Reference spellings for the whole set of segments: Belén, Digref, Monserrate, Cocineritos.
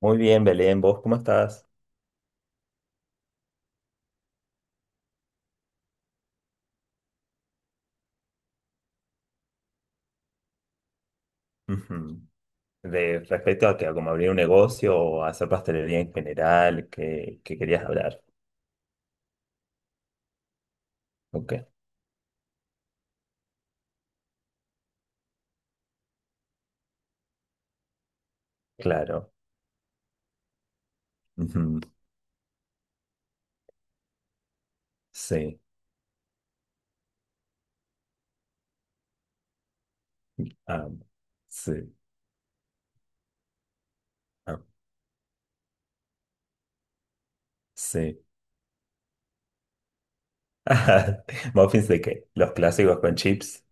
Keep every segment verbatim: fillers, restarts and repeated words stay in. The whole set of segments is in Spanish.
Muy bien, Belén, ¿vos cómo estás? Ujú. De respecto a que a como abrir un negocio o hacer pastelería en general, ¿qué qué querías hablar? Ok, claro. Ujú. Sí, ah, sí, ah, sí. Ajá. ¿Muffins de qué? Los clásicos con chips.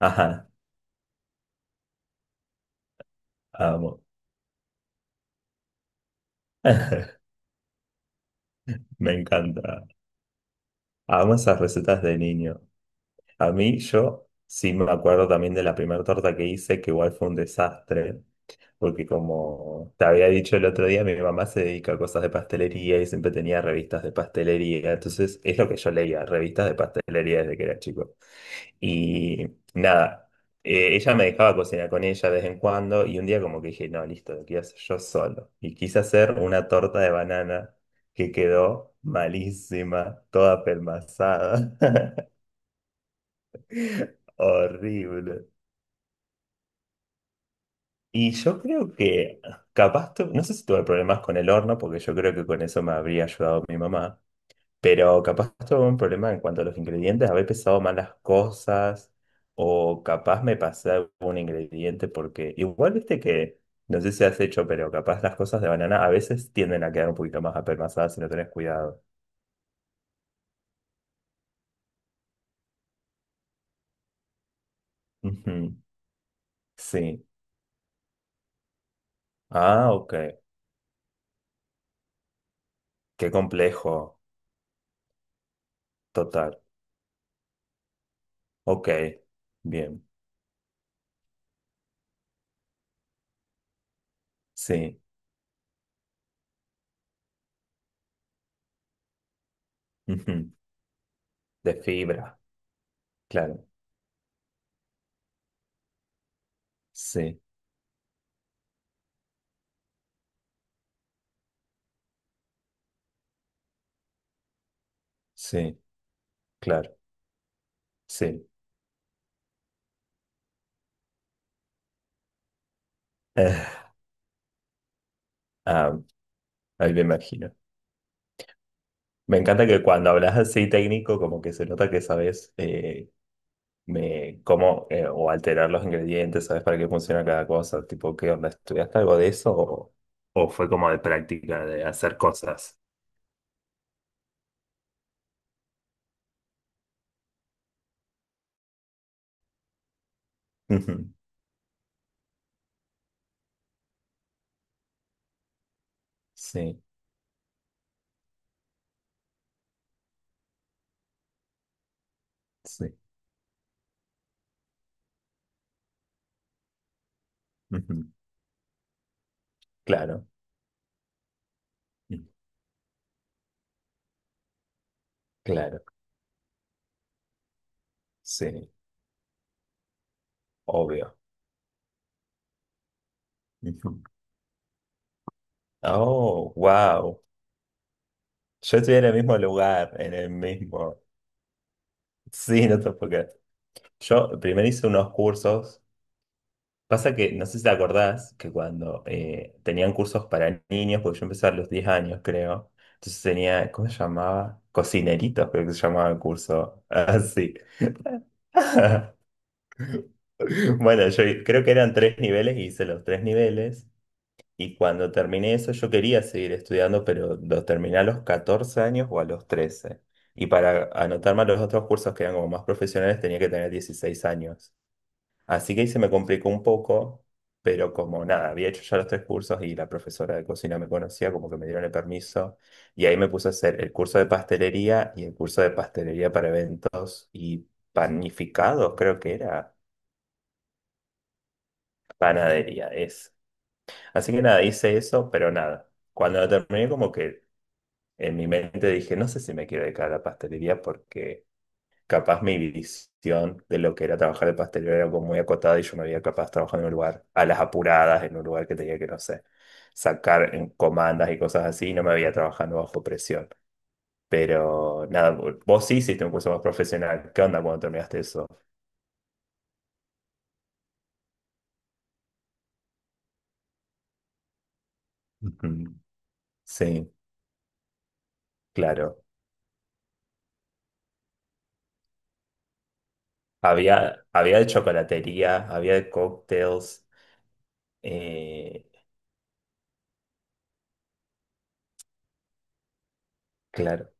Ajá, amo. Me encanta. Amo esas recetas de niño. A mí, yo sí me acuerdo también de la primera torta que hice, que igual fue un desastre. Porque como te había dicho el otro día, mi mamá se dedica a cosas de pastelería y siempre tenía revistas de pastelería. Entonces es lo que yo leía, revistas de pastelería desde que era chico. Y nada, eh, ella me dejaba cocinar con ella de vez en cuando y un día como que dije, no, listo, lo quiero hacer yo solo. Y quise hacer una torta de banana que quedó malísima, toda pelmazada, horrible. Y yo creo que capaz, tu- no sé si tuve problemas con el horno, porque yo creo que con eso me habría ayudado mi mamá, pero capaz tuve un problema en cuanto a los ingredientes, haber pesado mal las cosas, o capaz me pasé algún ingrediente, porque igual viste que, no sé si has hecho, pero capaz las cosas de banana a veces tienden a quedar un poquito más apelmazadas si no tenés cuidado. Ujú, sí. Ah, ok. Qué complejo. Total. Ok. Bien. Sí. Ujú, de fibra. Claro. Sí, sí, claro, sí. Eh, ah, ahí me imagino. Me encanta que cuando hablas así técnico, como que se nota que sabes eh, me, cómo eh, o alterar los ingredientes, sabes para qué funciona cada cosa. Tipo, ¿qué onda? ¿Estudiaste algo de eso o, o fue como de práctica, de hacer cosas? Ujú, sí, sí. Ujú, claro, mm, claro, sí, obvio. Ujú. Oh, wow. Yo estoy en el mismo lugar, en el mismo. Sí, no te puedo creer. Yo primero hice unos cursos. Pasa que, no sé si te acordás, que cuando eh, tenían cursos para niños, porque yo empecé a los diez años, creo. Entonces tenía, ¿cómo se llamaba? Cocineritos, creo que se llamaba el curso. Así. Bueno, yo creo que eran tres niveles, y hice los tres niveles. Y cuando terminé eso, yo quería seguir estudiando, pero lo terminé a los catorce años o a los trece. Y para anotarme a los otros cursos que eran como más profesionales, tenía que tener dieciséis años. Así que ahí se me complicó un poco, pero como nada, había hecho ya los tres cursos y la profesora de cocina me conocía, como que me dieron el permiso. Y ahí me puse a hacer el curso de pastelería y el curso de pastelería para eventos y panificados, creo que era panadería, es. Así que nada, hice eso, pero nada. Cuando lo terminé, como que en mi mente dije, no sé si me quiero dedicar a la pastelería porque capaz mi visión de lo que era trabajar de pastelero era como muy acotada y yo me veía capaz trabajando en un lugar a las apuradas, en un lugar que tenía que, no sé, sacar en comandas y cosas así, y no me veía trabajando bajo presión. Pero nada, vo- vos sí hiciste un curso más profesional. ¿Qué onda cuando terminaste eso? Ujú. Sí, claro. Había, había de chocolatería, había de cócteles. eh, claro.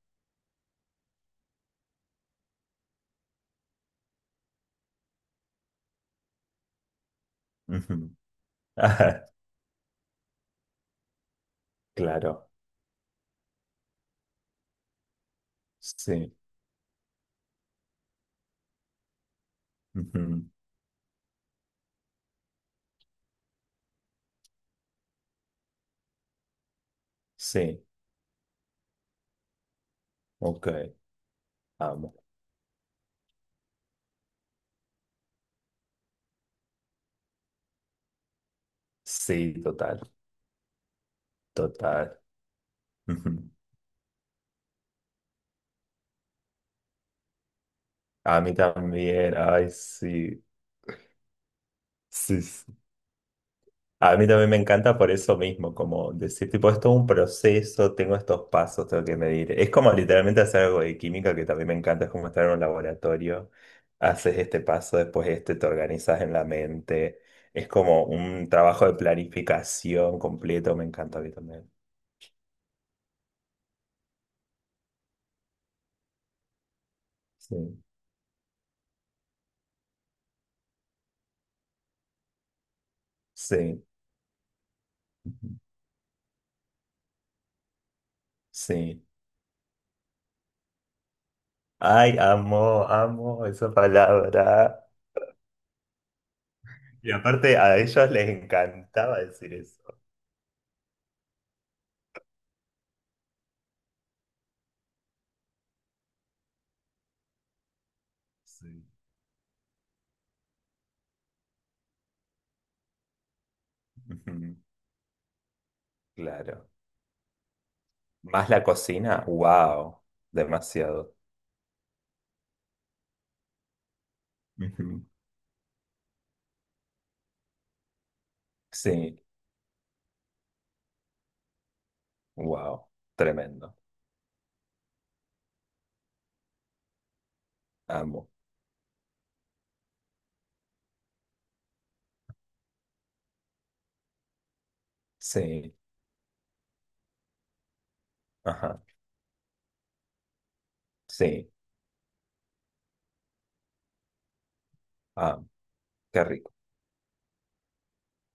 Ujú. Claro, sí. Ujú. Sí, ok. Vamos. Sí, total, total. Ujú. A mí también, ay, sí, sí, sí. A mí también me encanta por eso mismo, como decir, tipo, esto es un proceso, tengo estos pasos, tengo que medir. Es como literalmente hacer algo de química que también me encanta, es como estar en un laboratorio, haces este paso, después este, te organizas en la mente. Es como un trabajo de planificación completo, me encanta a mí también. Sí, sí, ujú, sí. Ay, amo, amo esa palabra. Y aparte a ellos les encantaba decir eso. Sí. Ujú, claro. Más la cocina, wow, demasiado. Ujú. Sí, wow, tremendo. Amo. Sí, ajá, sí, ah, qué rico.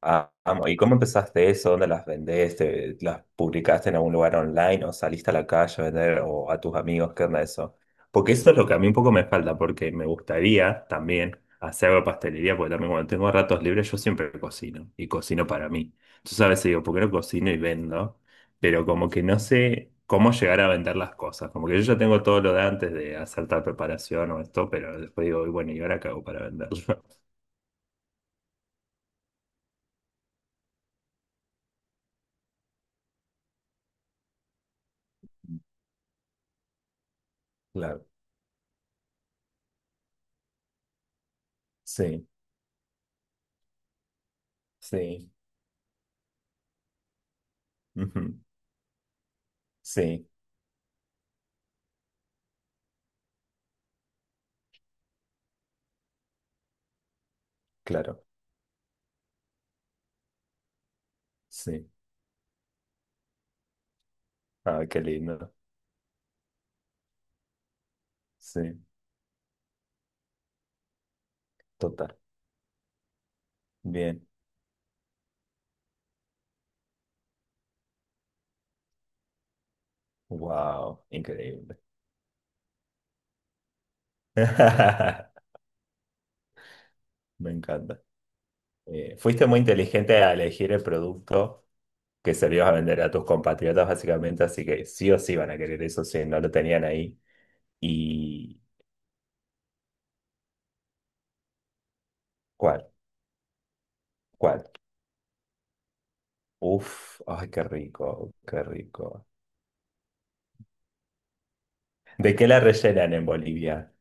Ah, amo. ¿Y cómo empezaste eso? ¿Dónde las vendés? ¿Te- las publicaste en algún lugar online o saliste a la calle a vender o a tus amigos? ¿Qué onda eso? Porque eso es lo que a mí un poco me falta, porque me gustaría también hacer algo de pastelería, porque también cuando tengo ratos libres yo siempre cocino y cocino para mí. Entonces a veces digo, ¿por qué no cocino y vendo? Pero como que no sé cómo llegar a vender las cosas. Como que yo ya tengo todo lo de antes de hacer tal preparación o esto, pero después digo, "Y bueno, ¿y ahora qué hago para venderlo?" Claro, sí, sí. Ujú. Sí, claro, sí. Ah, qué lindo. Sí, total. Bien. Wow, increíble. Me encanta. Eh, fuiste muy inteligente a elegir el producto que servías a vender a tus compatriotas, básicamente, así que sí o sí van a querer eso si no lo tenían ahí. ¿Y cuál? ¿Cuál? Uf, ay, qué rico, qué rico. ¿De qué la rellenan en Bolivia?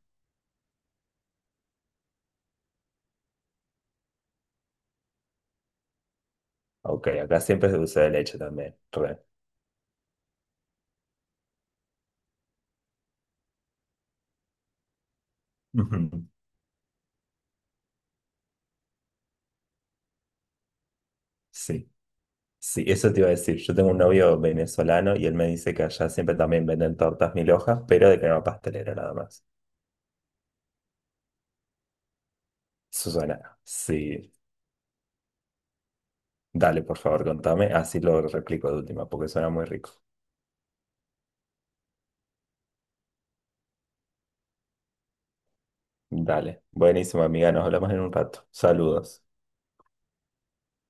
Ok, acá siempre es de dulce de leche también. Re. Ujú. Sí. Sí, eso te iba a decir. Yo tengo un novio venezolano y él me dice que allá siempre también venden tortas mil hojas, pero de crema pastelera nada más. Eso suena. Sí, dale, por favor, contame. Así lo replico de última, porque suena muy rico. Dale. Buenísimo, amiga. Nos hablamos en un rato. Saludos.